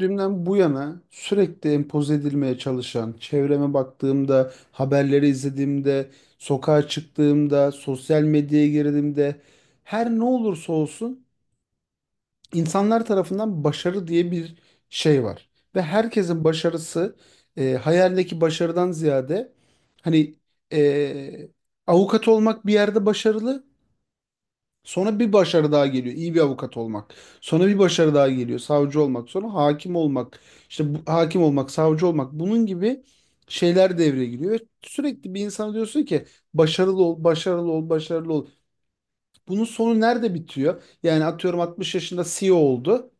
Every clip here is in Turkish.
Dünden bu yana sürekli empoze edilmeye çalışan, çevreme baktığımda, haberleri izlediğimde, sokağa çıktığımda, sosyal medyaya girdiğimde her ne olursa olsun insanlar tarafından başarı diye bir şey var. Ve herkesin başarısı hayaldeki başarıdan ziyade hani e, avukat olmak bir yerde başarılı. Sonra bir başarı daha geliyor. İyi bir avukat olmak. Sonra bir başarı daha geliyor. Savcı olmak. Sonra hakim olmak. İşte bu, hakim olmak, savcı olmak. Bunun gibi şeyler devreye giriyor. Ve sürekli bir insana diyorsun ki başarılı ol, başarılı ol, başarılı ol. Bunun sonu nerede bitiyor? Yani atıyorum 60 yaşında CEO oldu.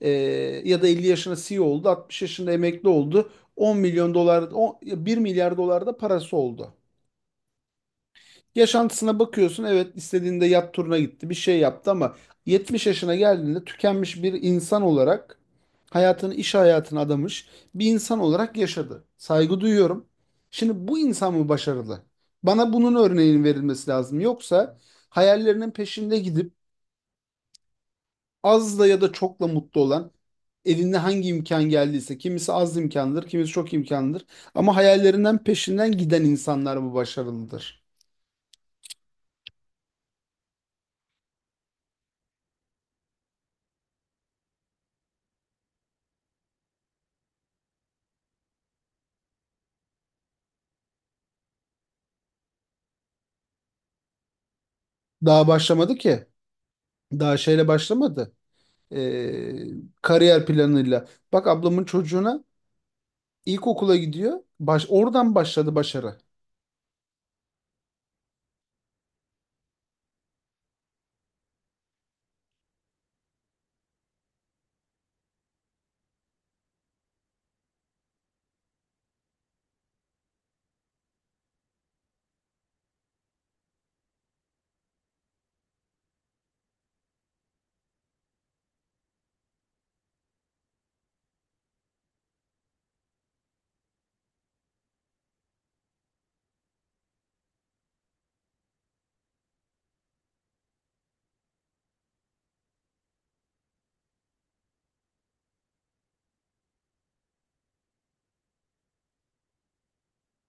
Ee, Ya da 50 yaşında CEO oldu. 60 yaşında emekli oldu. 10 milyon dolar, 1 milyar dolar da parası oldu. Yaşantısına bakıyorsun, evet, istediğinde yat turuna gitti, bir şey yaptı ama 70 yaşına geldiğinde tükenmiş bir insan olarak hayatını iş hayatına adamış bir insan olarak yaşadı. Saygı duyuyorum. Şimdi bu insan mı başarılı? Bana bunun örneğinin verilmesi lazım. Yoksa hayallerinin peşinde gidip az da ya da çokla mutlu olan, elinde hangi imkan geldiyse, kimisi az imkandır, kimisi çok imkandır ama hayallerinden peşinden giden insanlar mı başarılıdır? Daha başlamadı ki. Daha şeyle başlamadı. Ee, Kariyer planıyla. Bak ablamın çocuğuna, ilkokula gidiyor. Oradan başladı başarı.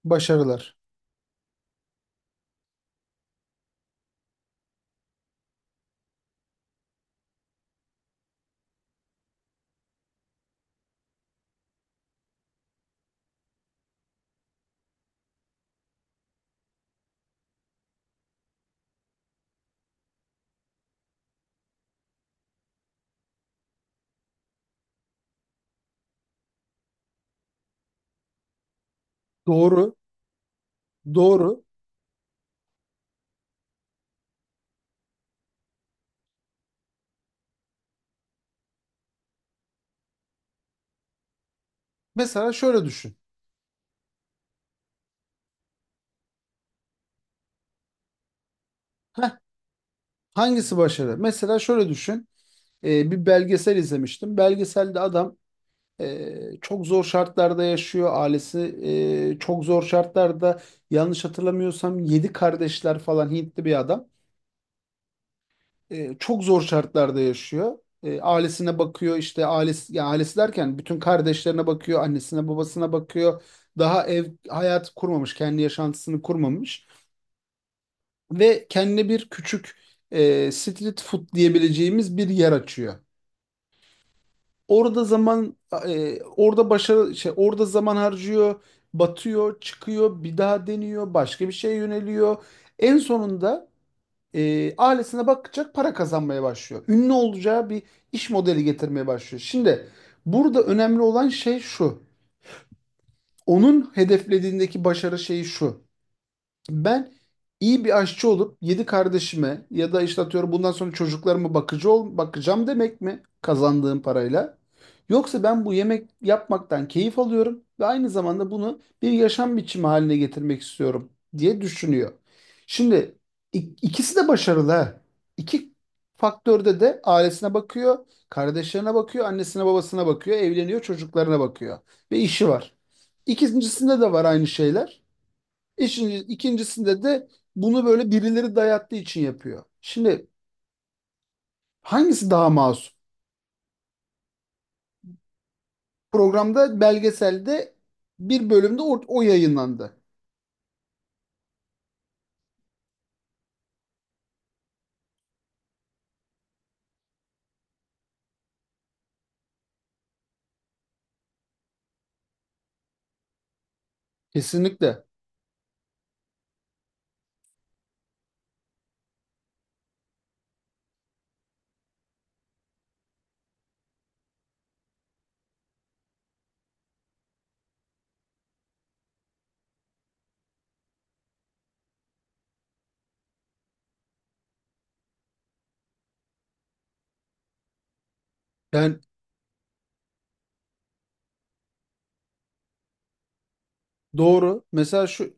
Başarılar. Doğru. Doğru. Mesela şöyle düşün. Heh, hangisi başarı? Mesela şöyle düşün. Bir belgesel izlemiştim. Belgeselde adam çok zor şartlarda yaşıyor. Ailesi çok zor şartlarda. Yanlış hatırlamıyorsam 7 kardeşler falan, Hintli bir adam. Çok zor şartlarda yaşıyor. Ailesine bakıyor işte, ailesi, yani ailesi derken bütün kardeşlerine bakıyor, annesine babasına bakıyor. Daha ev hayatı kurmamış, kendi yaşantısını kurmamış ve kendine bir küçük street food diyebileceğimiz bir yer açıyor. Orada zaman e, orada başarı şey Orada zaman harcıyor, batıyor, çıkıyor, bir daha deniyor, başka bir şeye yöneliyor. En sonunda ailesine bakacak para kazanmaya başlıyor. Ünlü olacağı bir iş modeli getirmeye başlıyor. Şimdi burada önemli olan şey şu. Onun hedeflediğindeki başarı şeyi şu. Ben iyi bir aşçı olup yedi kardeşime ya da işte atıyorum bundan sonra çocuklarıma bakıcı ol, bakacağım demek mi kazandığım parayla? Yoksa ben bu yemek yapmaktan keyif alıyorum ve aynı zamanda bunu bir yaşam biçimi haline getirmek istiyorum diye düşünüyor. Şimdi ikisi de başarılı. Ha. İki faktörde de ailesine bakıyor, kardeşlerine bakıyor, annesine babasına bakıyor, evleniyor, çocuklarına bakıyor ve işi var. İkincisinde de var aynı şeyler. İşin, ikincisinde de bunu böyle birileri dayattığı için yapıyor. Şimdi hangisi daha masum? Programda, belgeselde bir bölümde o yayınlandı. Kesinlikle. Yani doğru. Mesela şu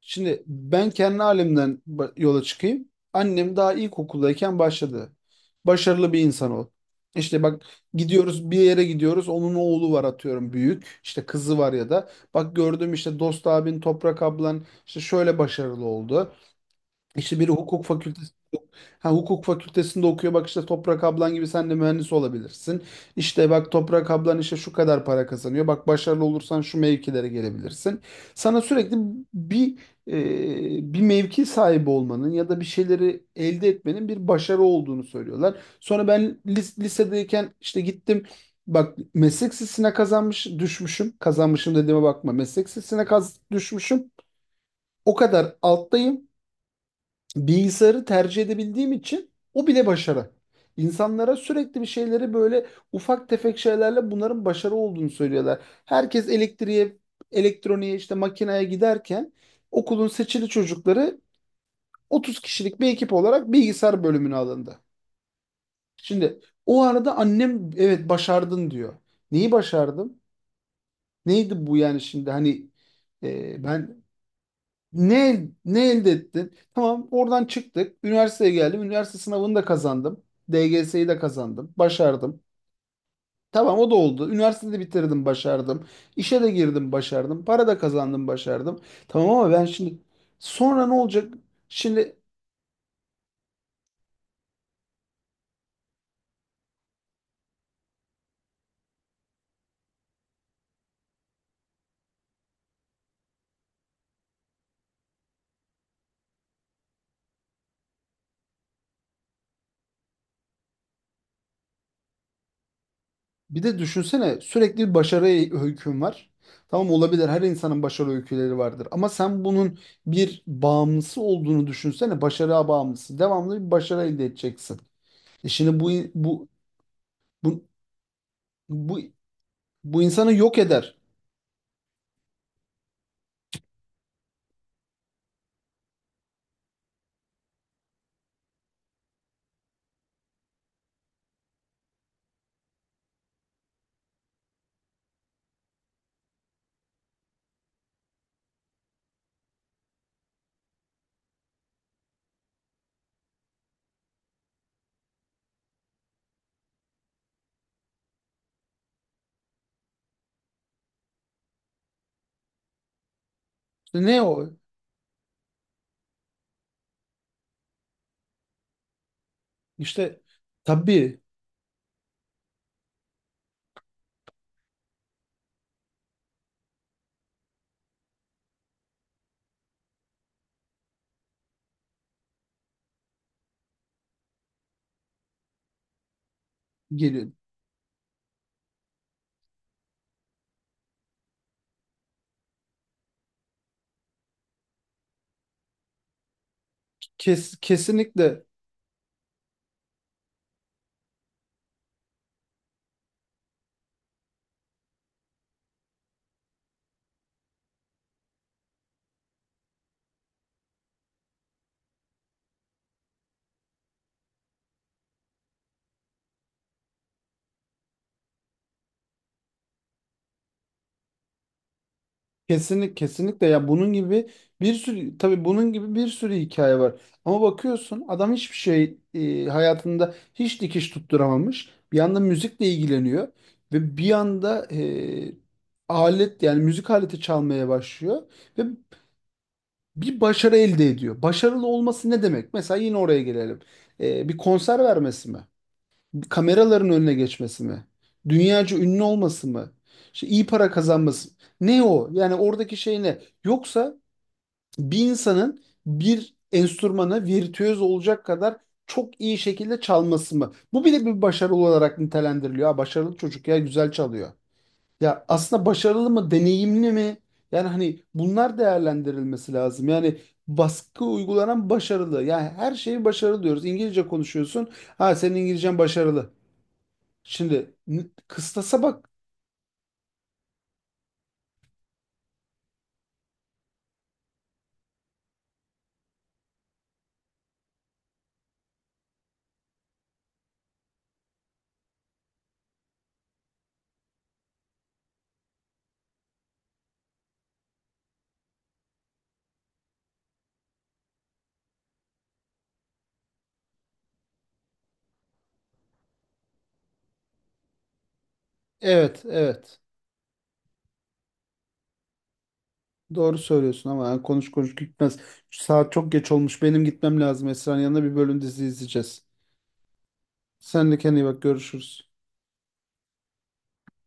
Şimdi ben kendi halimden yola çıkayım. Annem daha ilkokuldayken başladı. Başarılı bir insan ol. İşte bak, gidiyoruz bir yere gidiyoruz. Onun oğlu var atıyorum büyük. İşte kızı var ya da. Bak gördüm işte, Dost abin, Toprak ablan işte şöyle başarılı oldu. İşte biri hukuk fakültesinde okuyor. Bak işte Toprak ablan gibi sen de mühendis olabilirsin. İşte bak Toprak ablan işte şu kadar para kazanıyor. Bak, başarılı olursan şu mevkilere gelebilirsin. Sana sürekli bir bir mevki sahibi olmanın ya da bir şeyleri elde etmenin bir başarı olduğunu söylüyorlar. Sonra ben lisedeyken işte gittim. Bak, meslek sesine kazanmış düşmüşüm. Kazanmışım dediğime bakma. Meslek sesine düşmüşüm. O kadar alttayım, bilgisayarı tercih edebildiğim için o bile başarı. İnsanlara sürekli bir şeyleri böyle ufak tefek şeylerle bunların başarı olduğunu söylüyorlar. Herkes elektriğe, elektroniğe, işte makineye giderken okulun seçili çocukları 30 kişilik bir ekip olarak bilgisayar bölümüne alındı. Şimdi o arada annem, evet başardın diyor. Neyi başardım? Neydi bu yani, şimdi hani ben. Ne elde ettin? Tamam, oradan çıktık. Üniversiteye geldim. Üniversite sınavını da kazandım. DGS'yi de kazandım. Başardım. Tamam, o da oldu. Üniversiteyi de bitirdim, başardım. İşe de girdim, başardım. Para da kazandım, başardım. Tamam ama ben şimdi, sonra ne olacak? Şimdi bir de düşünsene, sürekli bir başarı öyküm var. Tamam, olabilir. Her insanın başarı öyküleri vardır. Ama sen bunun bir bağımlısı olduğunu düşünsene. Başarıya bağımlısı. Devamlı bir başarı elde edeceksin. E şimdi bu, bu bu Bu bu insanı yok eder. İşte ne o? İşte tabii, geliyor. Kes, kesinlikle kesinlikle kesinlikle, ya bunun gibi bir sürü, tabii bunun gibi bir sürü hikaye var. Ama bakıyorsun adam hiçbir şey, hayatında hiç dikiş tutturamamış. Bir yanda müzikle ilgileniyor ve bir yanda alet, yani müzik aleti çalmaya başlıyor ve bir başarı elde ediyor. Başarılı olması ne demek? Mesela yine oraya gelelim. Bir konser vermesi mi? Kameraların önüne geçmesi mi? Dünyaca ünlü olması mı? İşte iyi para kazanması. Ne o? Yani oradaki şey ne? Yoksa bir insanın bir enstrümanı virtüöz olacak kadar çok iyi şekilde çalması mı? Bu bile bir başarı olarak nitelendiriliyor. Ha, başarılı çocuk ya, güzel çalıyor. Ya aslında başarılı mı, deneyimli mi? Yani hani bunlar değerlendirilmesi lazım. Yani baskı uygulanan başarılı. Yani her şeyi başarılı diyoruz. İngilizce konuşuyorsun. Ha, senin İngilizcen başarılı. Şimdi kıstasa bak. Evet, evet. Doğru söylüyorsun ama yani konuş konuş gitmez. Saat çok geç olmuş. Benim gitmem lazım. Esra'nın yanına bir bölüm dizi izleyeceğiz. Sen de kendine iyi bak. Görüşürüz.